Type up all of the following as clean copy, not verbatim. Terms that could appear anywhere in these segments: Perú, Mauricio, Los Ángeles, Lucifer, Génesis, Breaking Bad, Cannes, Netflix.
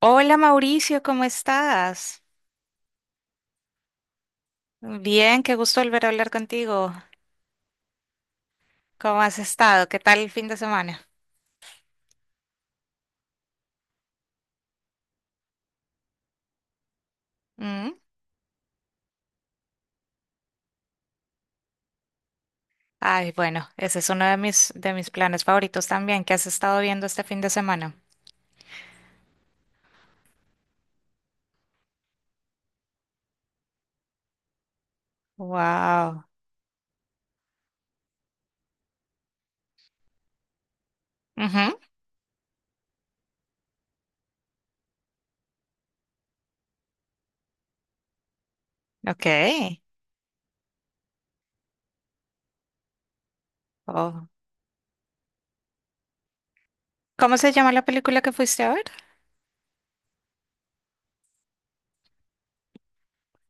Hola Mauricio, ¿cómo estás? Bien, qué gusto volver a hablar contigo. ¿Cómo has estado? ¿Qué tal el fin de semana? ¿Mm? Ay, bueno, ese es uno de mis planes favoritos también. ¿Qué has estado viendo este fin de semana? Wow. Ujú. Ok. Oh. ¿Cómo se llama la película que fuiste a ver?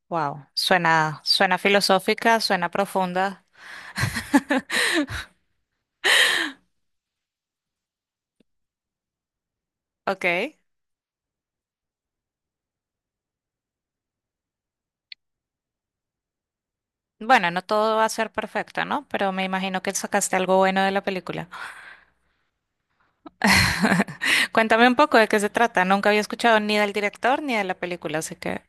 Wow. Suena, suena filosófica, suena profunda. Ok. Bueno, no todo va a ser perfecto, ¿no? Pero me imagino que sacaste algo bueno de la película. Cuéntame un poco de qué se trata. Nunca había escuchado ni del director ni de la película, así que...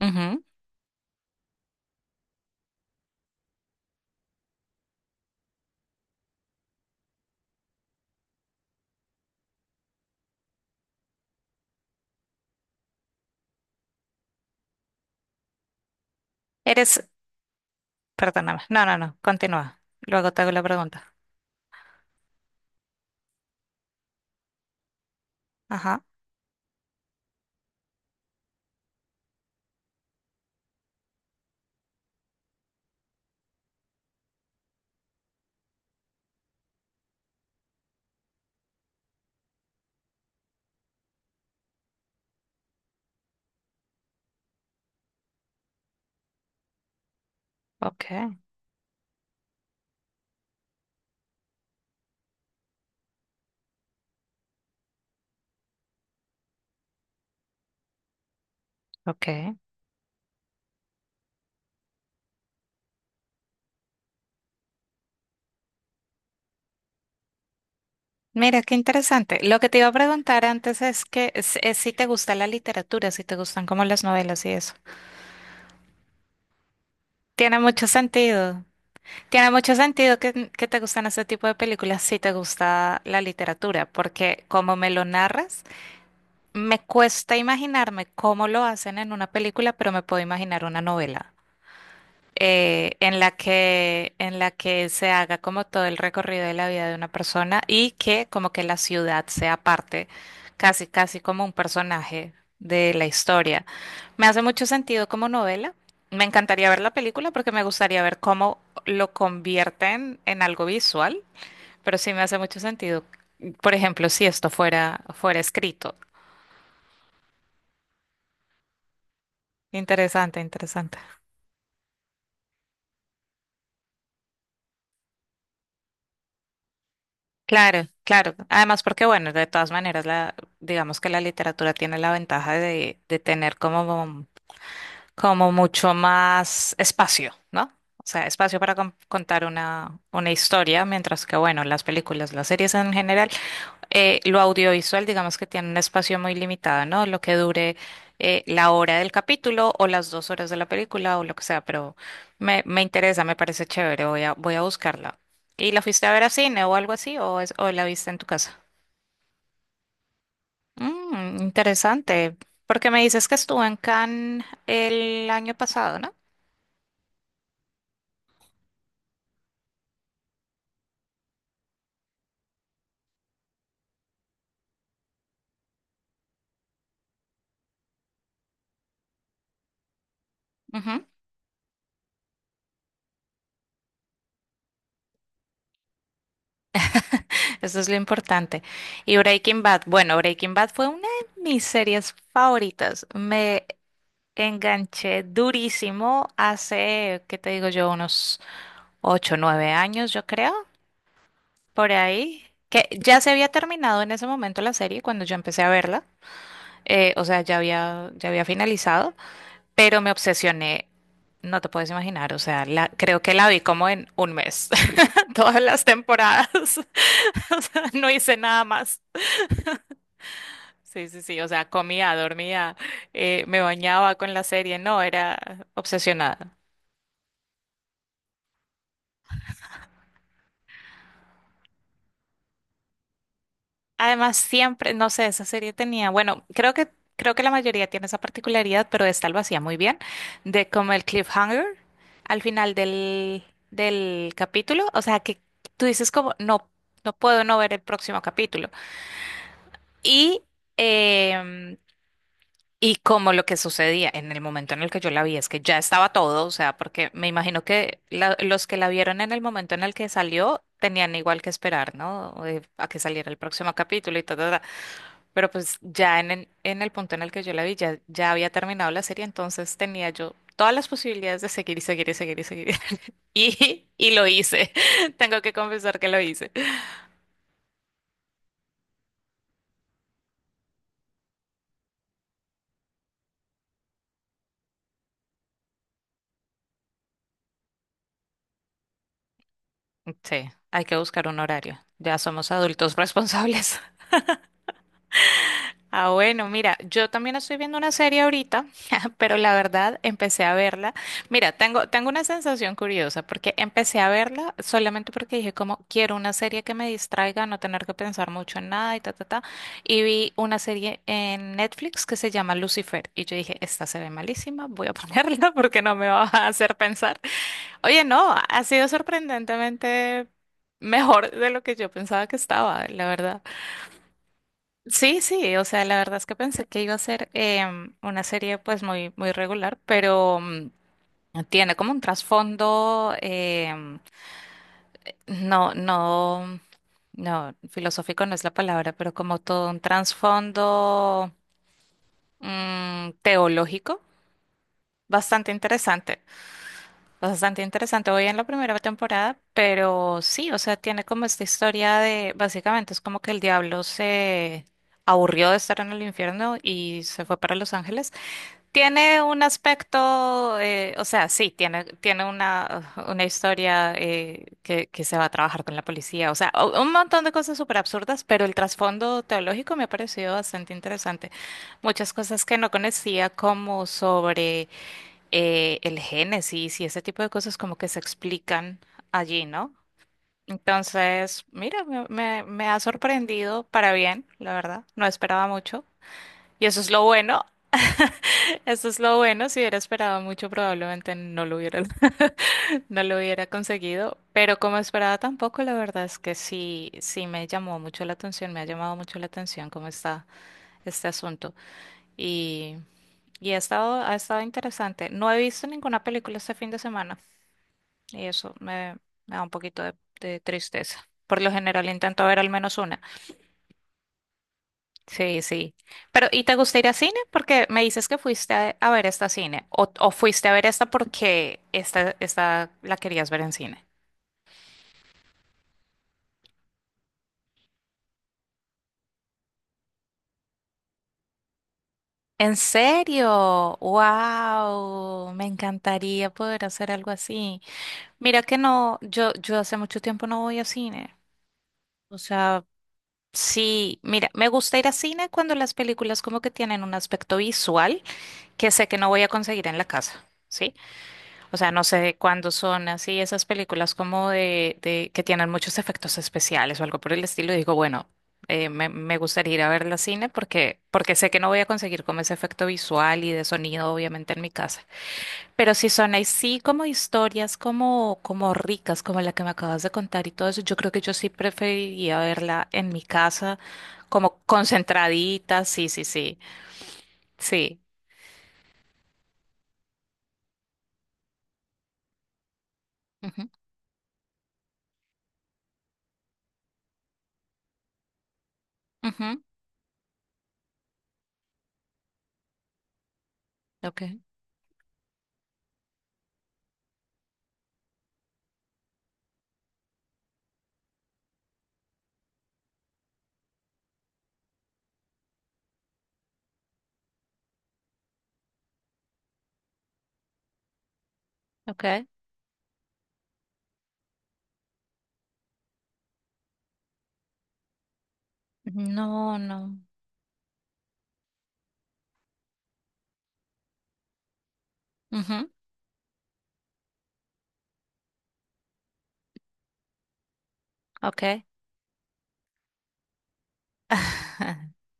Ujú. Eres... Perdóname. No, no, no. Continúa. Luego te hago la pregunta. Ajá. Ok, ok. Mira, qué interesante. Lo que te iba a preguntar antes es que es si te gusta la literatura, si te gustan como las novelas y eso. Tiene mucho sentido. Tiene mucho sentido que te gustan este tipo de películas si te gusta la literatura, porque como me lo narras... Me cuesta imaginarme cómo lo hacen en una película, pero me puedo imaginar una novela en la que se haga como todo el recorrido de la vida de una persona y que como que la ciudad sea parte, casi, casi como un personaje de la historia. Me hace mucho sentido como novela. Me encantaría ver la película porque me gustaría ver cómo lo convierten en algo visual, pero sí me hace mucho sentido. Por ejemplo, si esto fuera escrito. Interesante, interesante. Claro, claro. Además, porque bueno, de todas maneras, la, digamos que la literatura tiene la ventaja de tener como, como mucho más espacio, ¿no? O sea, espacio para contar una historia, mientras que bueno, las películas, las series en general. Lo audiovisual, digamos que tiene un espacio muy limitado, ¿no? Lo que dure la hora del capítulo o las dos horas de la película o lo que sea, pero me interesa, me parece chévere, voy a buscarla. ¿Y la fuiste a ver a cine o algo así o, o la viste en tu casa? Mm, interesante, porque me dices que estuvo en Cannes el año pasado, ¿no? Ujú. Eso es lo importante. Y Breaking Bad, bueno, Breaking Bad fue una de mis series favoritas. Me enganché durísimo hace, ¿qué te digo yo? Unos 8, 9 años, yo creo, por ahí. Que ya se había terminado en ese momento la serie cuando yo empecé a verla. O sea, ya había finalizado, pero me obsesioné. No te puedes imaginar, o sea, la, creo que la vi como en un mes, todas las temporadas. O sea, no hice nada más. Sí, sí, sí, o sea, comía, dormía, me bañaba con la serie, no, era obsesionada. Además, siempre, no sé, esa serie tenía, bueno, creo que la mayoría tiene esa particularidad, pero esta lo hacía muy bien, de como el cliffhanger al final del, del capítulo, o sea, que tú dices como, no, no puedo no ver el próximo capítulo. Y, em, y como lo que sucedía en el momento en el que yo la vi es que ya estaba todo, o sea, porque me imagino que los que la vieron en el momento en el que salió tenían igual que esperar, ¿no? A que saliera el próximo capítulo y todo. Pero pues ya en el punto en el que yo la vi, ya, ya había terminado la serie, entonces tenía yo todas las posibilidades de seguir y seguir y seguir y seguir. Y, y lo hice. Tengo que confesar que lo hice. Sí, hay que buscar un horario. Ya somos adultos responsables. Ah, bueno, mira, yo también estoy viendo una serie ahorita, pero la verdad empecé a verla. Mira, tengo, tengo una sensación curiosa porque empecé a verla solamente porque dije como quiero una serie que me distraiga, no tener que pensar mucho en nada y ta, ta, ta. Y vi una serie en Netflix que se llama Lucifer y yo dije, esta se ve malísima, voy a ponerla porque no me va a hacer pensar. Oye, no, ha sido sorprendentemente mejor de lo que yo pensaba que estaba, la verdad. Sí, sí, o sea, la verdad es que pensé que iba a ser una serie pues muy, muy regular, pero mm, tiene como un trasfondo, no, no, no, filosófico no es la palabra, pero como todo un trasfondo mm, teológico, bastante interesante, bastante interesante. Voy en la primera temporada, pero sí, o sea, tiene como esta historia de, básicamente es como que el diablo se aburrió de estar en el infierno y se fue para Los Ángeles. Tiene un aspecto, o sea, sí, tiene, tiene una historia que se va a trabajar con la policía, o sea, un montón de cosas súper absurdas, pero el trasfondo teológico me ha parecido bastante interesante. Muchas cosas que no conocía, como sobre el Génesis y ese tipo de cosas como que se explican allí, ¿no? Entonces, mira, me ha sorprendido para bien, la verdad, no esperaba mucho. Y eso es lo bueno. Eso es lo bueno, si hubiera esperado mucho probablemente no lo hubiera, no lo hubiera conseguido, pero como esperaba tampoco, la verdad es que sí, sí me llamó mucho la atención, me ha llamado mucho la atención cómo está este asunto y, y ha estado interesante. No he visto ninguna película este fin de semana y me da un poquito de tristeza. Por lo general intento ver al menos una. Sí, sí. Pero, ¿y te gusta ir a cine? Porque me dices que fuiste a ver esta cine. O fuiste a ver esta porque esta la querías ver en cine. ¿En serio? ¡Wow! Me encantaría poder hacer algo así. Mira que no, yo hace mucho tiempo no voy a cine. O sea, sí, mira, me gusta ir a cine cuando las películas como que tienen un aspecto visual que sé que no voy a conseguir en la casa. ¿Sí? O sea, no sé de cuándo son así esas películas como de que tienen muchos efectos especiales o algo por el estilo. Y digo, bueno, me gustaría ir a ver la cine porque, porque sé que no voy a conseguir como ese efecto visual y de sonido, obviamente, en mi casa. Pero si son así como historias como, como ricas, como la que me acabas de contar y todo eso, yo creo que yo sí preferiría verla en mi casa, como concentradita. Sí, sí, sí. Sí. Ujú, ujú. Ok, ok. No, no. Ujú. Okay.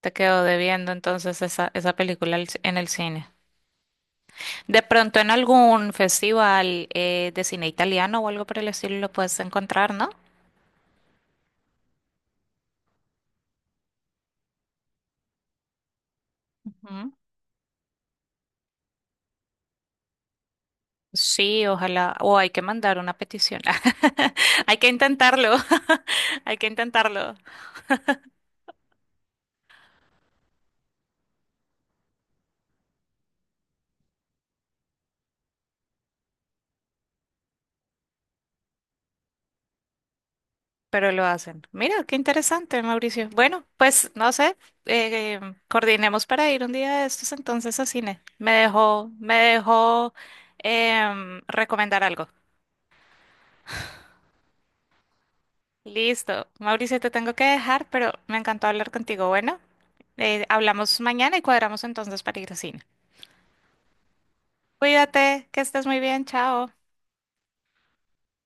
Te quedo debiendo entonces esa película al en el cine. De pronto en algún festival de cine italiano o algo por el estilo lo puedes encontrar, ¿no? Ujú. Sí, ojalá. O hay que mandar una petición. Hay que intentarlo. Hay que intentarlo. Pero lo hacen. Mira, qué interesante, Mauricio. Bueno, pues no sé. eh, Coordinemos para ir un día de estos entonces a cine. Me dejó recomendar algo. Listo. Mauricio, te tengo que dejar, pero me encantó hablar contigo. Bueno, hablamos mañana y cuadramos entonces para ir al cine. Cuídate, que estés muy bien. Chao.